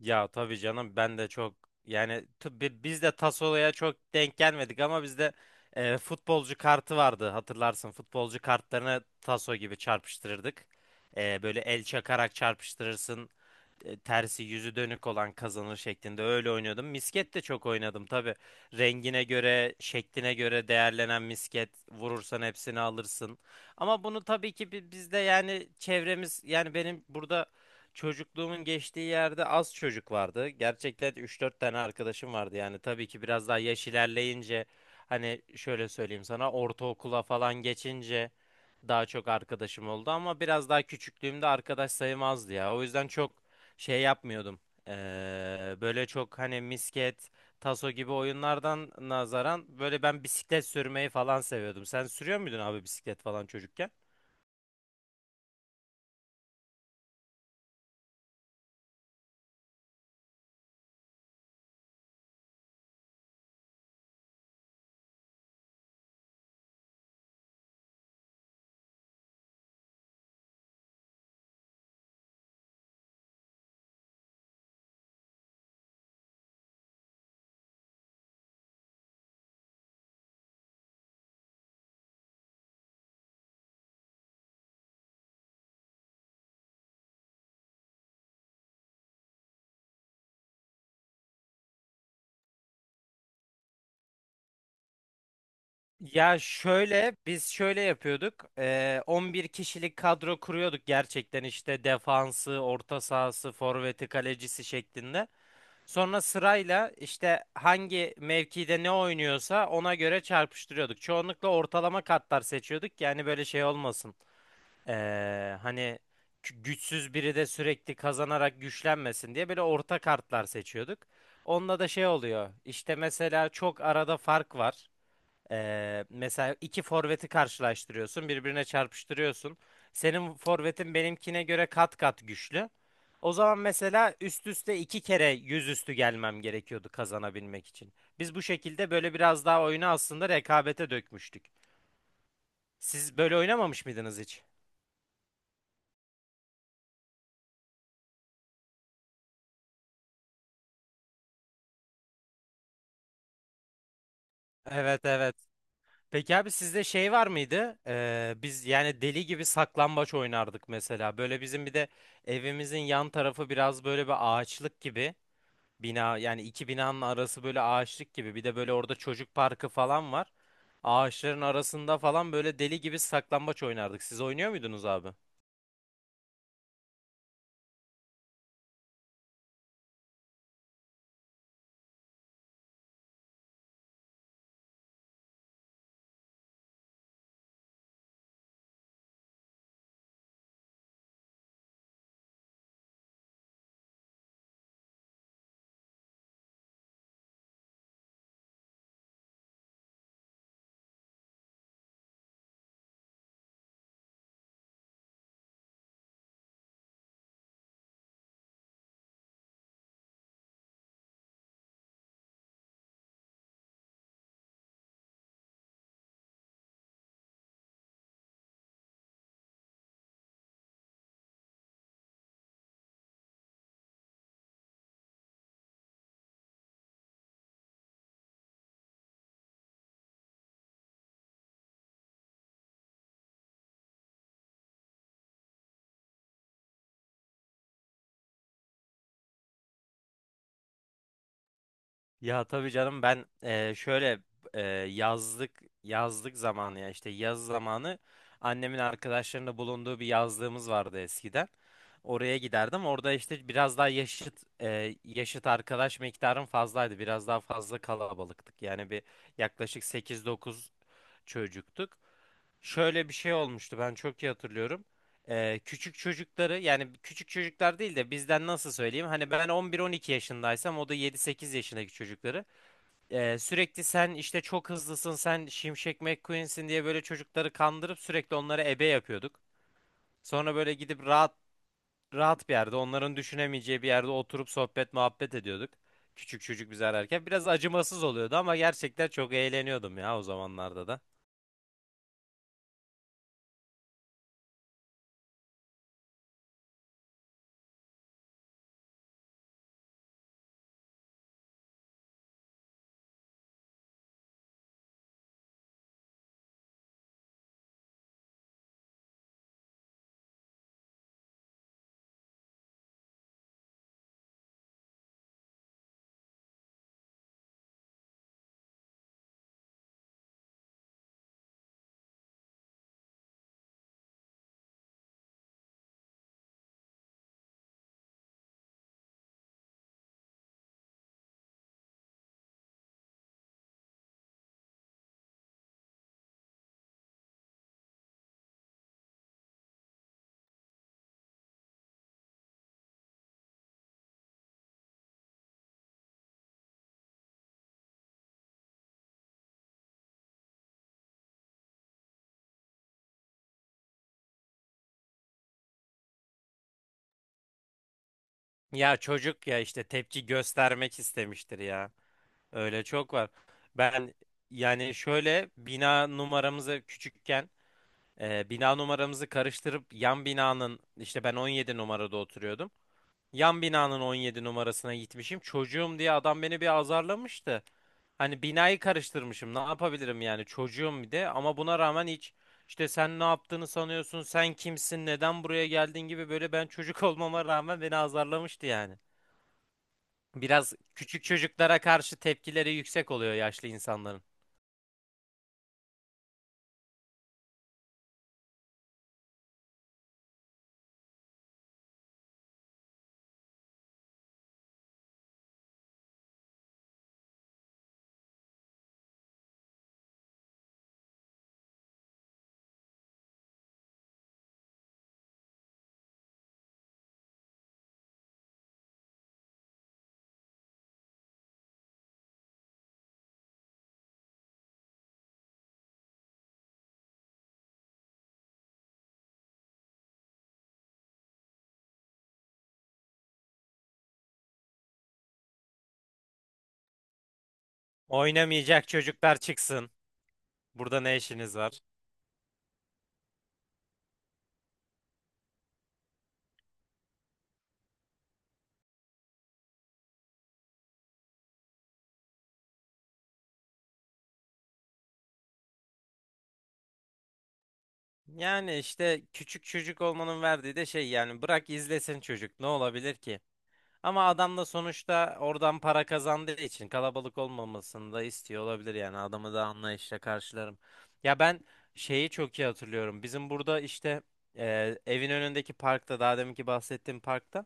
Ya tabii canım ben de çok yani biz de Tassola'ya çok denk gelmedik ama bizde futbolcu kartı vardı, hatırlarsın, futbolcu kartlarını Taso gibi çarpıştırırdık. Böyle el çakarak çarpıştırırsın, tersi yüzü dönük olan kazanır şeklinde öyle oynuyordum. Misket de çok oynadım tabii. Rengine göre, şekline göre değerlenen misket, vurursan hepsini alırsın. Ama bunu tabii ki bizde, yani çevremiz, yani benim burada çocukluğumun geçtiği yerde az çocuk vardı. Gerçekten üç dört tane arkadaşım vardı, yani tabii ki biraz daha yaş ilerleyince, hani şöyle söyleyeyim sana, ortaokula falan geçince daha çok arkadaşım oldu ama biraz daha küçüklüğümde arkadaş sayım azdı ya. O yüzden çok şey yapmıyordum. Böyle çok hani misket, taso gibi oyunlardan nazaran böyle ben bisiklet sürmeyi falan seviyordum. Sen sürüyor muydun abi, bisiklet falan, çocukken? Ya şöyle biz şöyle yapıyorduk. 11 kişilik kadro kuruyorduk gerçekten, işte defansı, orta sahası, forveti, kalecisi şeklinde. Sonra sırayla işte hangi mevkide ne oynuyorsa ona göre çarpıştırıyorduk. Çoğunlukla ortalama katlar seçiyorduk ki yani böyle şey olmasın. Hani güçsüz biri de sürekli kazanarak güçlenmesin diye böyle orta kartlar seçiyorduk. Onunla da şey oluyor. İşte mesela çok arada fark var. Mesela iki forveti karşılaştırıyorsun, birbirine çarpıştırıyorsun. Senin forvetin benimkine göre kat kat güçlü. O zaman mesela üst üste iki kere yüzüstü gelmem gerekiyordu kazanabilmek için. Biz bu şekilde böyle biraz daha oyunu aslında rekabete dökmüştük. Siz böyle oynamamış mıydınız hiç? Evet, evet. Peki abi, sizde şey var mıydı? Biz yani deli gibi saklambaç oynardık mesela. Böyle bizim bir de evimizin yan tarafı biraz böyle bir ağaçlık gibi. Bina, yani iki binanın arası böyle ağaçlık gibi. Bir de böyle orada çocuk parkı falan var. Ağaçların arasında falan böyle deli gibi saklambaç oynardık. Siz oynuyor muydunuz abi? Ya tabii canım, ben şöyle, e, yazlık yazlık zamanı ya, işte yaz zamanı annemin arkadaşlarında bulunduğu bir yazlığımız vardı eskiden. Oraya giderdim. Orada işte biraz daha yaşıt arkadaş miktarım fazlaydı. Biraz daha fazla kalabalıktık. Yani bir yaklaşık sekiz dokuz çocuktuk. Şöyle bir şey olmuştu, ben çok iyi hatırlıyorum. Küçük çocukları, yani küçük çocuklar değil de bizden, nasıl söyleyeyim, hani ben 11-12 yaşındaysam, o da 7-8 yaşındaki çocukları sürekli sen işte çok hızlısın, sen Şimşek McQueen'sin diye böyle çocukları kandırıp sürekli onlara ebe yapıyorduk. Sonra böyle gidip rahat bir yerde, onların düşünemeyeceği bir yerde oturup sohbet muhabbet ediyorduk. Küçük çocuk bizi ararken biraz acımasız oluyordu ama gerçekten çok eğleniyordum ya o zamanlarda da. Ya çocuk ya, işte tepki göstermek istemiştir ya. Öyle çok var. Ben yani şöyle, bina numaramızı küçükken, bina numaramızı karıştırıp yan binanın, işte ben 17 numarada oturuyordum. Yan binanın 17 numarasına gitmişim. Çocuğum diye adam beni bir azarlamıştı. Hani binayı karıştırmışım. Ne yapabilirim yani, çocuğum bir de, ama buna rağmen hiç, işte sen ne yaptığını sanıyorsun, sen kimsin, neden buraya geldin gibi, böyle ben çocuk olmama rağmen beni azarlamıştı yani. Biraz küçük çocuklara karşı tepkileri yüksek oluyor yaşlı insanların. Oynamayacak çocuklar çıksın. Burada ne işiniz var? Yani işte küçük çocuk olmanın verdiği de şey, yani bırak izlesin çocuk, ne olabilir ki? Ama adam da sonuçta oradan para kazandığı için kalabalık olmamasını da istiyor olabilir, yani adamı da anlayışla karşılarım. Ya ben şeyi çok iyi hatırlıyorum. Bizim burada işte, evin önündeki parkta, daha deminki bahsettiğim parkta,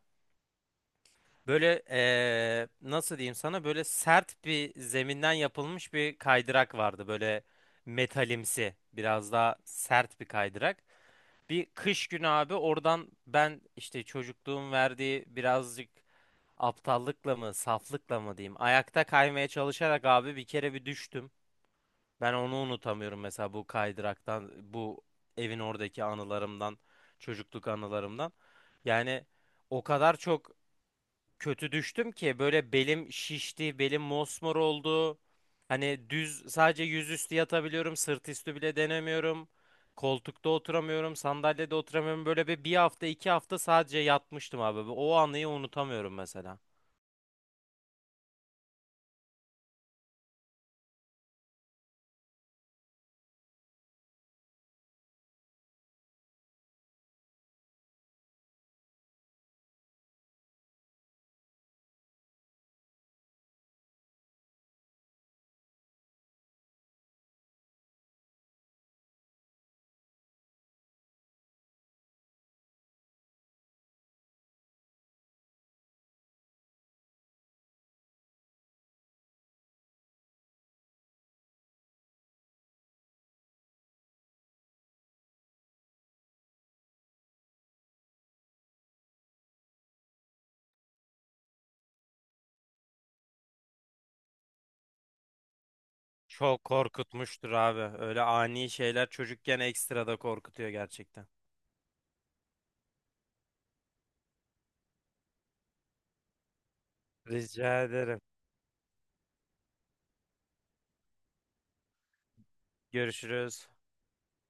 böyle nasıl diyeyim sana, böyle sert bir zeminden yapılmış bir kaydırak vardı. Böyle metalimsi, biraz daha sert bir kaydırak. Bir kış günü abi, oradan ben işte çocukluğum verdiği birazcık aptallıkla mı saflıkla mı diyeyim, ayakta kaymaya çalışarak abi bir kere bir düştüm. Ben onu unutamıyorum mesela, bu kaydıraktan, bu evin oradaki anılarımdan, çocukluk anılarımdan. Yani o kadar çok kötü düştüm ki böyle belim şişti, belim mosmor oldu. Hani düz sadece yüzüstü yatabiliyorum, sırt üstü bile denemiyorum. Koltukta oturamıyorum, sandalyede oturamıyorum. Böyle bir, bir hafta, iki hafta sadece yatmıştım abi. O anıyı unutamıyorum mesela. Çok korkutmuştur abi. Öyle ani şeyler çocukken ekstra da korkutuyor gerçekten. Rica ederim. Görüşürüz.